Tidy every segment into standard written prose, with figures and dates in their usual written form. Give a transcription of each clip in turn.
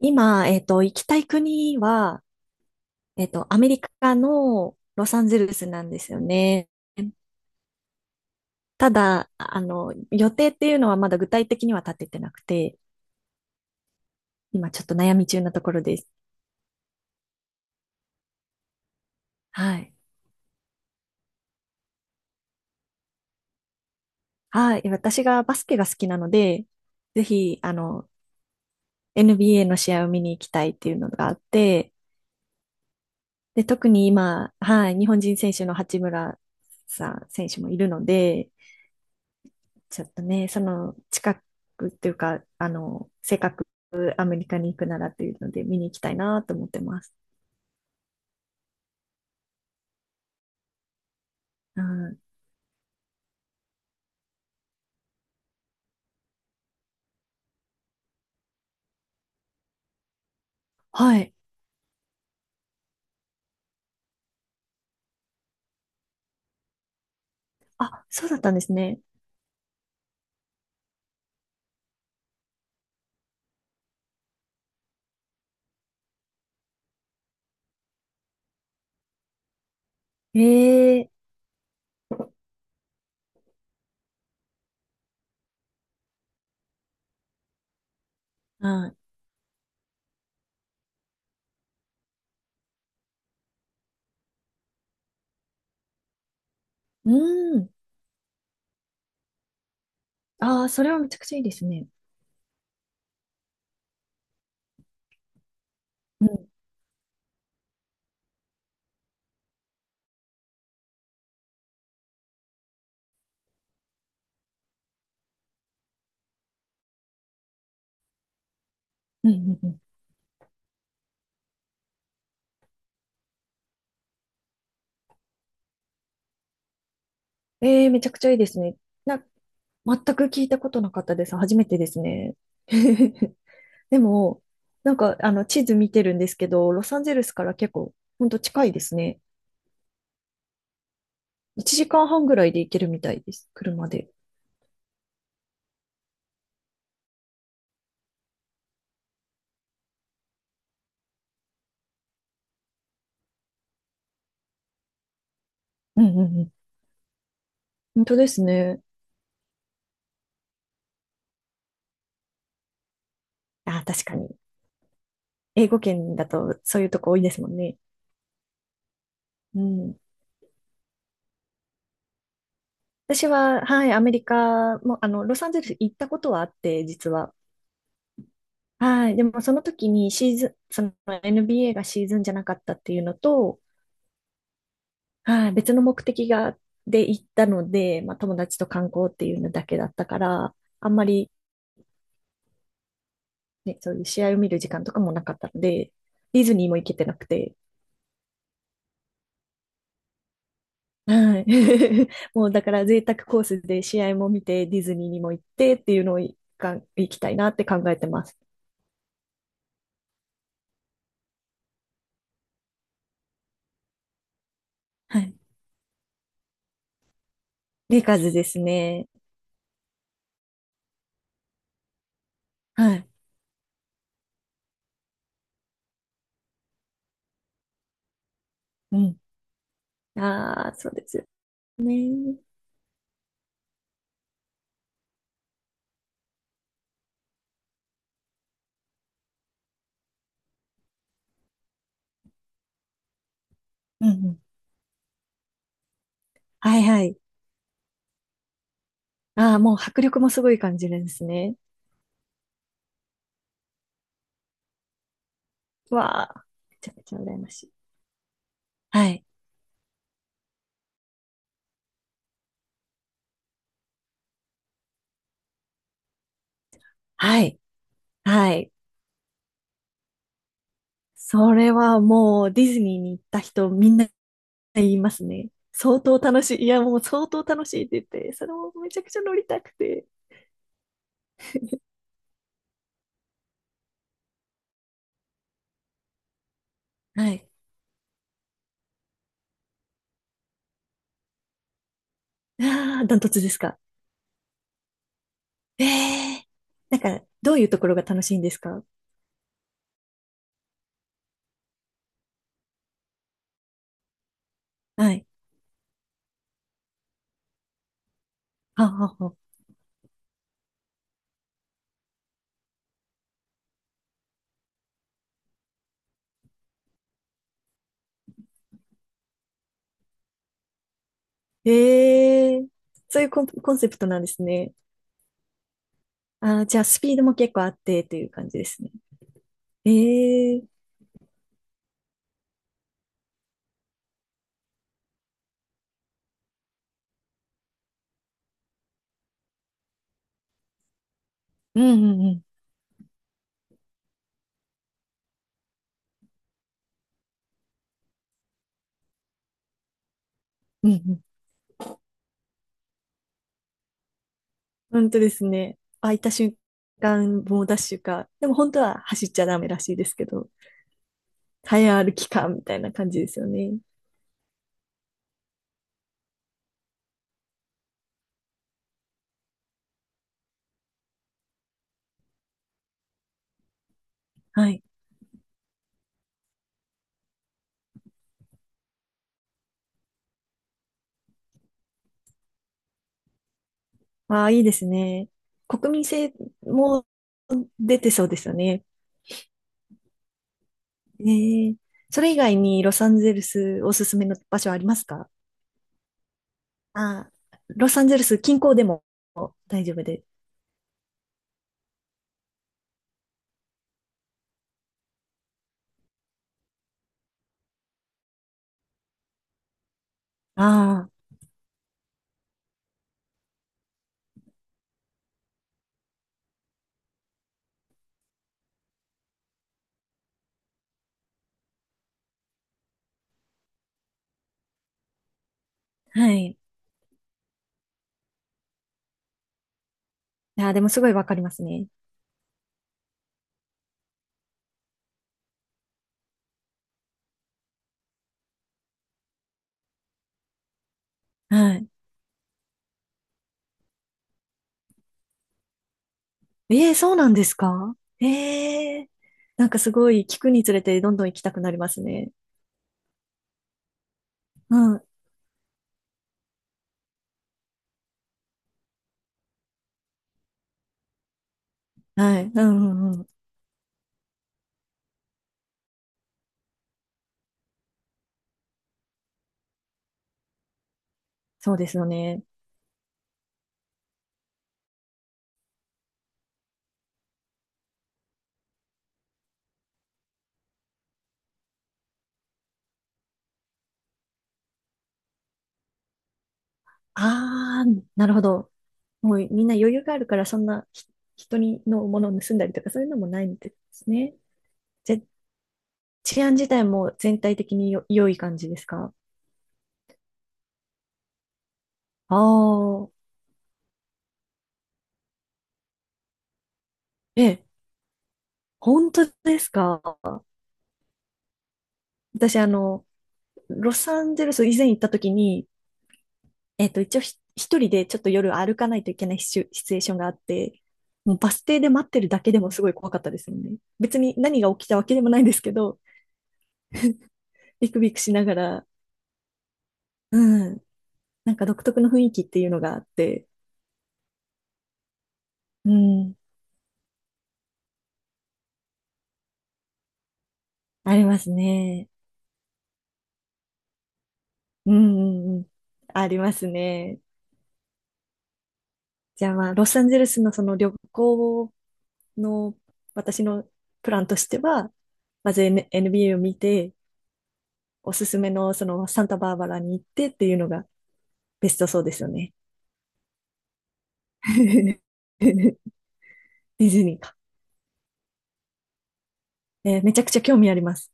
今、行きたい国は、アメリカのロサンゼルスなんですよね。ただ、予定っていうのはまだ具体的には立ててなくて、今ちょっと悩み中なところです。はい。はい。私がバスケが好きなので、ぜひ、NBA の試合を見に行きたいっていうのがあって、で、特に今、はい、日本人選手の八村さん選手もいるので、ちょっとね、その近くっていうか、あの、せっかくアメリカに行くならというので見に行きたいなと思ってます。うん、はい。あ、そうだったんですね。ええ、はい。うん。ああ、それはめちゃくちゃいいですね。うん。うんうんうん。ええ、めちゃくちゃいいですね。な、全く聞いたことなかったです。初めてですね。でも、なんか、地図見てるんですけど、ロサンゼルスから結構、ほんと近いですね。1時間半ぐらいで行けるみたいです。車で。うんうんうん。本当ですね。あー、確かに。英語圏だとそういうとこ多いですもんね。うん。私は、はい、アメリカも、ロサンゼルス行ったことはあって、実は。はい。でも、その時にシーズン、その NBA がシーズンじゃなかったっていうのと、はい、別の目的が、で行ったので、まあ友達と観光っていうのだけだったから、あんまりね、そういう試合を見る時間とかもなかったので、ディズニーも行けてなくて、はい。もうだから贅沢コースで試合も見て、ディズニーにも行ってっていうのを行きたいなって考えてます。はい。レイカーズですね。はい。うん。ああ、そうですよね。うんうん。はいはい。ああ、もう迫力もすごい感じるんですね。わあ、めちゃめちゃ羨ましい。はい。はい。はい。それはもうディズニーに行った人みんな言いますね。相当楽しい。いや、もう相当楽しいって言って、それもめちゃくちゃ乗りたくて。はい。ああ、ダントツですか？ええ、なんか、どういうところが楽しいんですか？はい。はあはあはあ。ええ、そういうコン、コンセプトなんですね。ああ、じゃあスピードも結構あってという感じですね。ええ、うんうんうん。うんうん、本当ですね。空いた瞬間、猛ダッシュか。でも本当は走っちゃダメらしいですけど、早歩きか、みたいな感じですよね。はい。ああ、いいですね。国民性も出てそうですよね。えー、それ以外にロサンゼルスおすすめの場所ありますか？ああ、ロサンゼルス近郊でも大丈夫で。ああ、はい。いや、でもすごいわかりますね。はい。ええ、そうなんですか？ええ、なんかすごい聞くにつれてどんどん行きたくなりますね。うん。はい。うんうんうん。そうですよね。ああ、なるほど。もうみんな余裕があるから、そんなひ人にのものを盗んだりとかそういうのもないんですね。ぜ、治安自体も全体的に良い感じですか？ああ、ええ、本当ですか？私あの、ロサンゼルス以前行った時に、えっと、一応一人でちょっと夜歩かないといけないシチュエーションがあって、もうバス停で待ってるだけでもすごい怖かったですよね。別に何が起きたわけでもないんですけど、ビクビクしながら、うん、なんか独特の雰囲気っていうのがあって、うん、ありますね。うん、うん、うん、ありますね。じゃあまあ、ロサンゼルスのその旅行の私のプランとしては、まず NBA を見て、おすすめのそのサンタバーバラに行ってっていうのがベストそうですよね。ディズニーか。えー、めちゃくちゃ興味あります。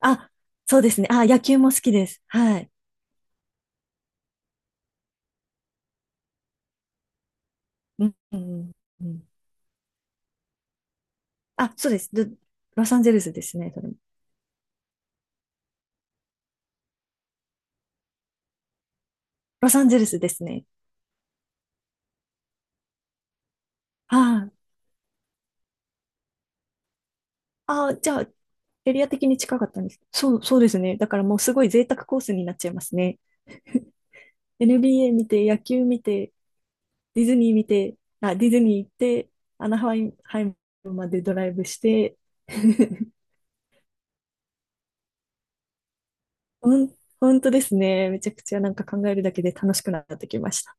あ、そうですね。あ、野球も好きです。はい。うんうんうん、あ、そうです。ロサンゼルスですね。それもロサンゼルスですね。はい。あ、じゃあ、エリア的に近かったんです。そう、そうですね。だからもうすごい贅沢コースになっちゃいますね。NBA 見て、野球見て、ディズニー見て、あ、ディズニー行って、アナハイムまでドライブして、ほん、本当ですね。めちゃくちゃなんか考えるだけで楽しくなってきました。